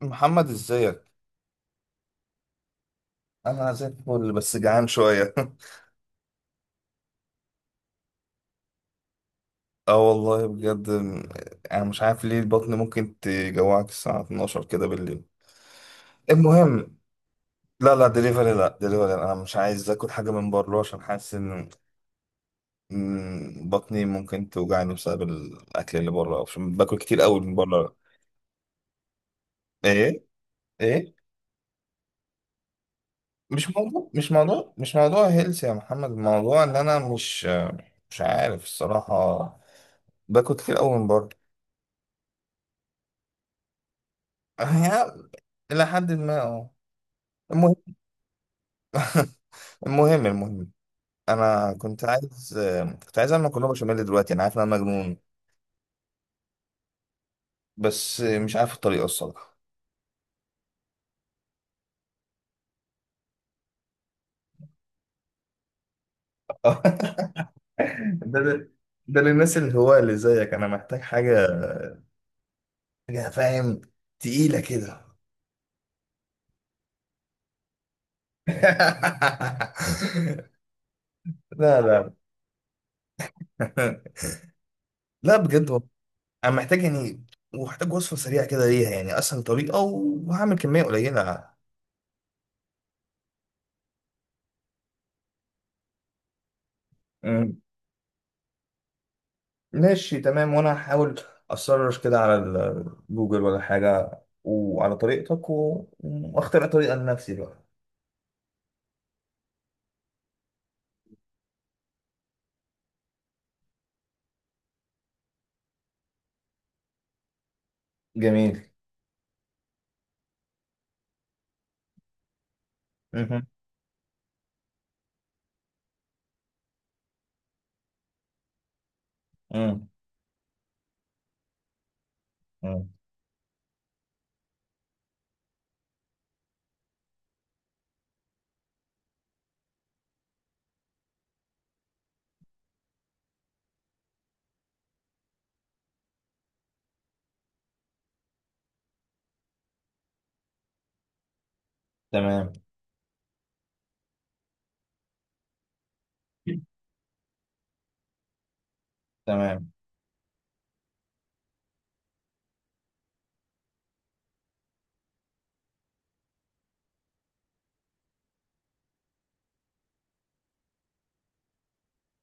محمد ازيك؟ انا زي الفل بس جعان شويه. اه والله بجد انا مش عارف ليه البطن ممكن تجوعك الساعه 12 كده بالليل. المهم، لا لا دليفري، لا دليفري، انا مش عايز اكل حاجه من بره عشان حاسس ان بطني ممكن توجعني بسبب الاكل اللي بره عشان باكل كتير قوي من بره. ايه، ايه، مش موضوع هيلث يا محمد، الموضوع ان انا مش عارف الصراحه، باكل كتير قوي من بره. هي إلى حد ما اه. المهم، المهم، أنا كنت عايز كنت عايز أعمل مكرونة بشاميل دلوقتي، أنا عارف إن أنا مجنون بس مش عارف الطريقة الصراحة. ده ده ده للناس اللي هو اللي زيك، أنا محتاج حاجة، فاهم، تقيلة كده. لا لا بجد والله. انا محتاج يعني، ومحتاج وصفه سريعه كده ليها، يعني اسهل طريقه، وهعمل كميه قليله. ماشي، تمام، وانا هحاول اسرش كده على جوجل ولا حاجه وعلى طريقتك واخترع طريقه لنفسي بقى. جميل. مهم. مم. مم. تمام. تمام.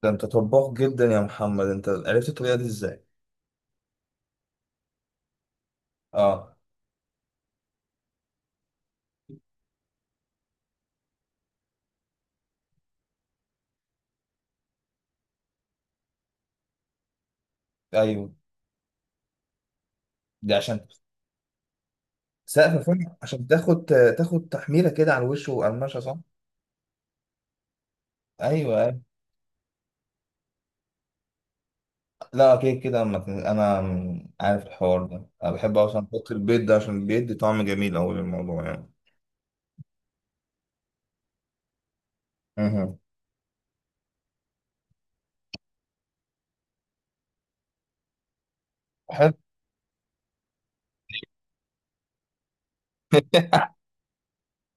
ده انت طباخ جدا يا محمد، انت عرفت الطريقه دي ازاي؟ اه. ايوه. دي عشان سقف فين؟ عشان تاخد تحميله كده على الوش وقرمشه، صح؟ ايوه، أيوة. لا اكيد كده، أما انا عارف الحوار ده، انا بحب اصلا احط البيض ده عشان بيدي طعم جميل اوي للموضوع يعني. مهم. حلو.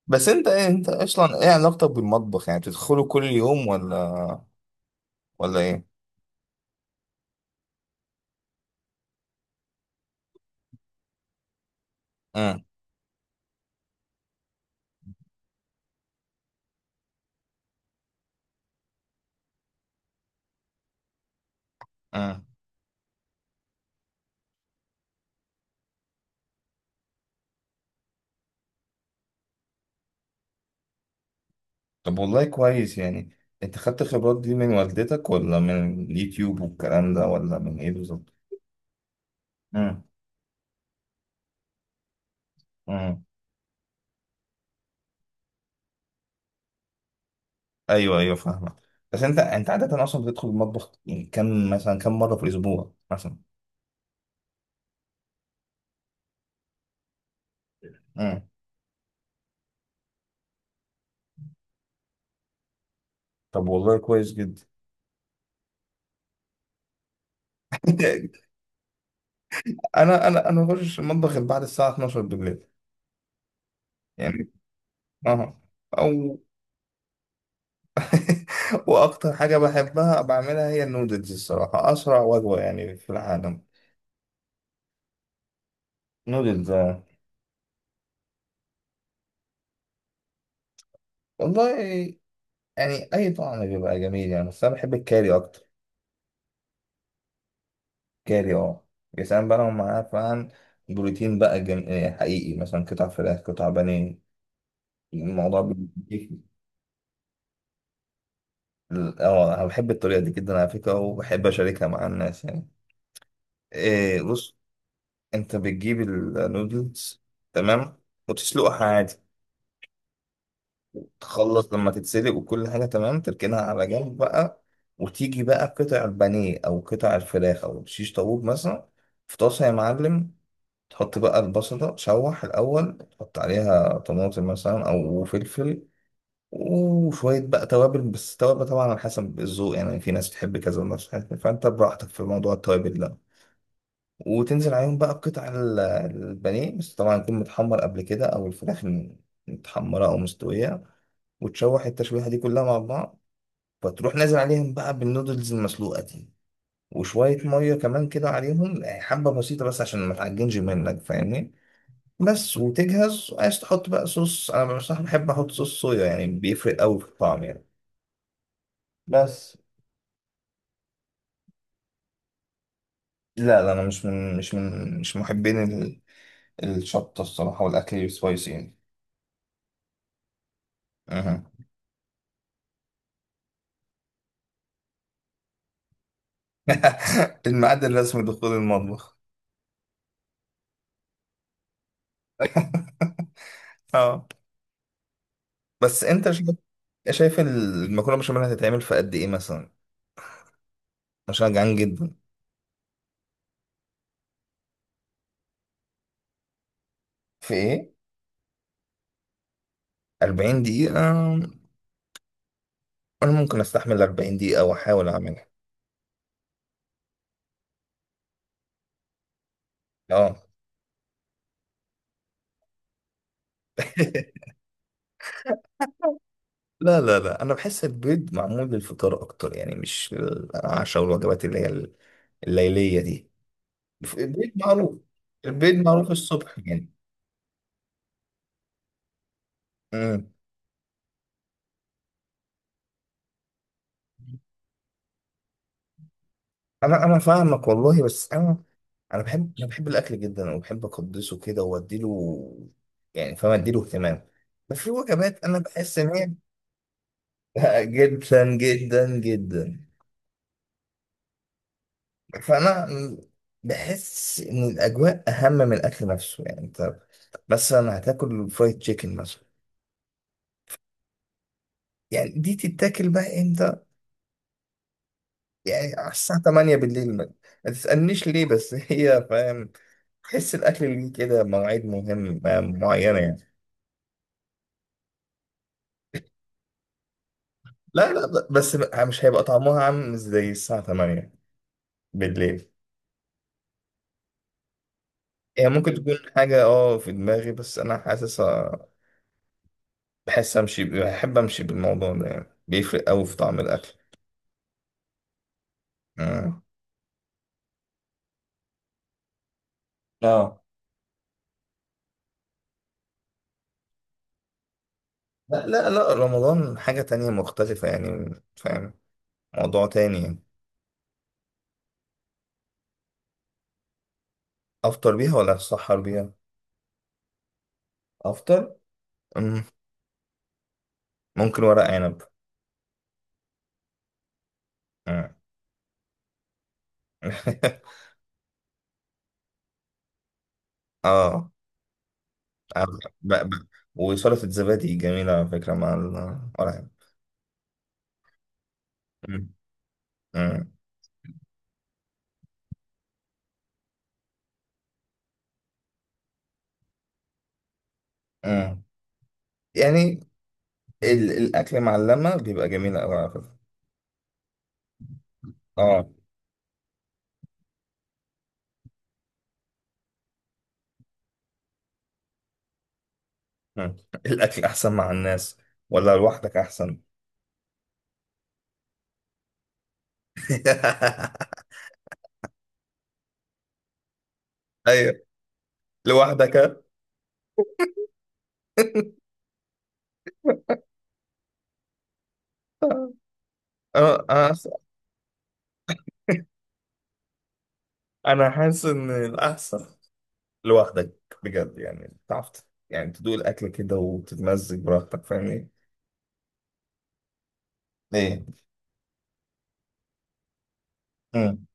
بس انت ايه، اصلا ايه علاقتك بالمطبخ؟ يعني بتدخله كل يوم ولا ايه؟ امم. امم. طب والله كويس يعني، انت خدت الخبرات دي من والدتك ولا من اليوتيوب والكلام ده ولا من ايه بالظبط؟ امم. امم. ايوه، ايوه، فاهمك. بس انت عادة اصلا بتدخل المطبخ يعني كم مثلا، كم مرة في الاسبوع مثلا؟ امم. طب والله كويس جدا. انا بخش المطبخ بعد الساعة 12 بالليل يعني. اه. او. واكتر حاجه بحبها بعملها هي النودلز الصراحه، اسرع وجبه يعني في العالم. نودلز، آه. والله يعني اي طعم بيبقى جميل يعني، بس انا بحب الكاري اكتر. كاري، اه. يا سلام بقى لو معاه فعلا بروتين بقى جم... آه، حقيقي، مثلا قطع فراخ، قطع بانيه، الموضوع بيديك. اه انا بحب الطريقه دي جدا على فكره، وبحب اشاركها مع الناس يعني. إيه بص، انت بتجيب النودلز، تمام، وتسلقها عادي، تخلص لما تتسلق وكل حاجة تمام تركنها على جنب بقى. وتيجي بقى قطع البانيه أو قطع الفراخ أو شيش طاووق مثلا، في طاسة يا معلم، تحط بقى البصل ده تشوح الأول، تحط عليها طماطم مثلا أو فلفل وشوية بقى توابل، بس توابل طبعا على حسب الذوق يعني، في ناس بتحب كذا وناس بتحب، فأنت براحتك في موضوع التوابل ده. وتنزل عليهم بقى بقطع البانيه، بس طبعا يكون متحمر قبل كده، أو الفراخ متحمرة أو مستوية، وتشوح التشويحة دي كلها مع بعض. فتروح نازل عليهم بقى بالنودلز المسلوقة دي وشوية مية كمان كده عليهم، يعني حبة بسيطة بس عشان ما تعجنش منك، فاهمني. بس وتجهز، عايز تحط بقى صوص، أنا بصراحة بحب أحط صوص صويا، يعني بيفرق أوي في الطعم يعني. بس لا لا، أنا مش من مش من مش محبين الشطة الصراحة، والأكل السبايسي يعني. أها. الميعاد الرسمي دخول المطبخ. اه. بس انت شايف المكرونه بشاميل هتتعمل في قد ايه مثلا؟ مش جعان جدا. في ايه؟ 40 دقيقة. انا ممكن استحمل 40 دقيقة واحاول اعملها. اه. لا لا لا، انا بحس البيض معمول للفطار اكتر، يعني مش العشاء والوجبات اللي هي الليلية دي. البيض معروف. البيض معروف الصبح يعني. امم. انا فاهمك والله، بس انا انا بحب الاكل جدا، وبحب اقدسه كده واديله، يعني فاهم، اديله اهتمام. بس في وجبات انا بحس ان هي. جدا جدا جدا. فانا بحس ان الاجواء اهم من الاكل نفسه، يعني انت مثلا هتاكل فرايد تشيكن مثلا، يعني دي تتاكل بقى امتى؟ يعني على الساعه 8 بالليل، ما تسالنيش ليه بس. هي فاهم، تحس الاكل ليه كده مواعيد مهم معينه يعني. لا لا، بس مش هيبقى طعمها عامل زي الساعه 8 بالليل. هي ممكن تكون حاجه اه في دماغي، بس انا حاسسها، بحس امشي، بحب امشي بالموضوع ده، يعني بيفرق قوي في طعم الاكل. مم. اه. لا لا لا، رمضان حاجة تانية مختلفة يعني فاهم، موضوع تاني يعني. أفطر بيها ولا أتسحر بيها؟ أفطر. أم، ممكن ورق عنب. أم. آه. ب... ب... وسلطة الزبادي جميلة على فكرة مع ورق عنب. أم، أم، أم. يعني الأكل مع اللمة بيبقى جميل أوي على فكرة. آه. أم. الأكل أحسن مع الناس ولا لوحدك أحسن؟ أيوه، لوحدك. آه، آه، انا حاسس ان الاحسن لوحدك بجد يعني، تعرف يعني تدوق الاكل كده وتتمزج براحتك، فاهمني؟ ايه. مم.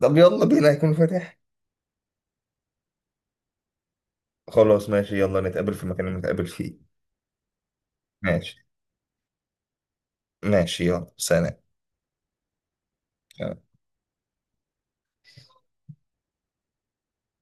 طب يلا بينا، هيكون فاتح؟ خلاص ماشي، يلا نتقابل في المكان اللي نتقابل فيه. ماشي، ماشي، يلا سلام.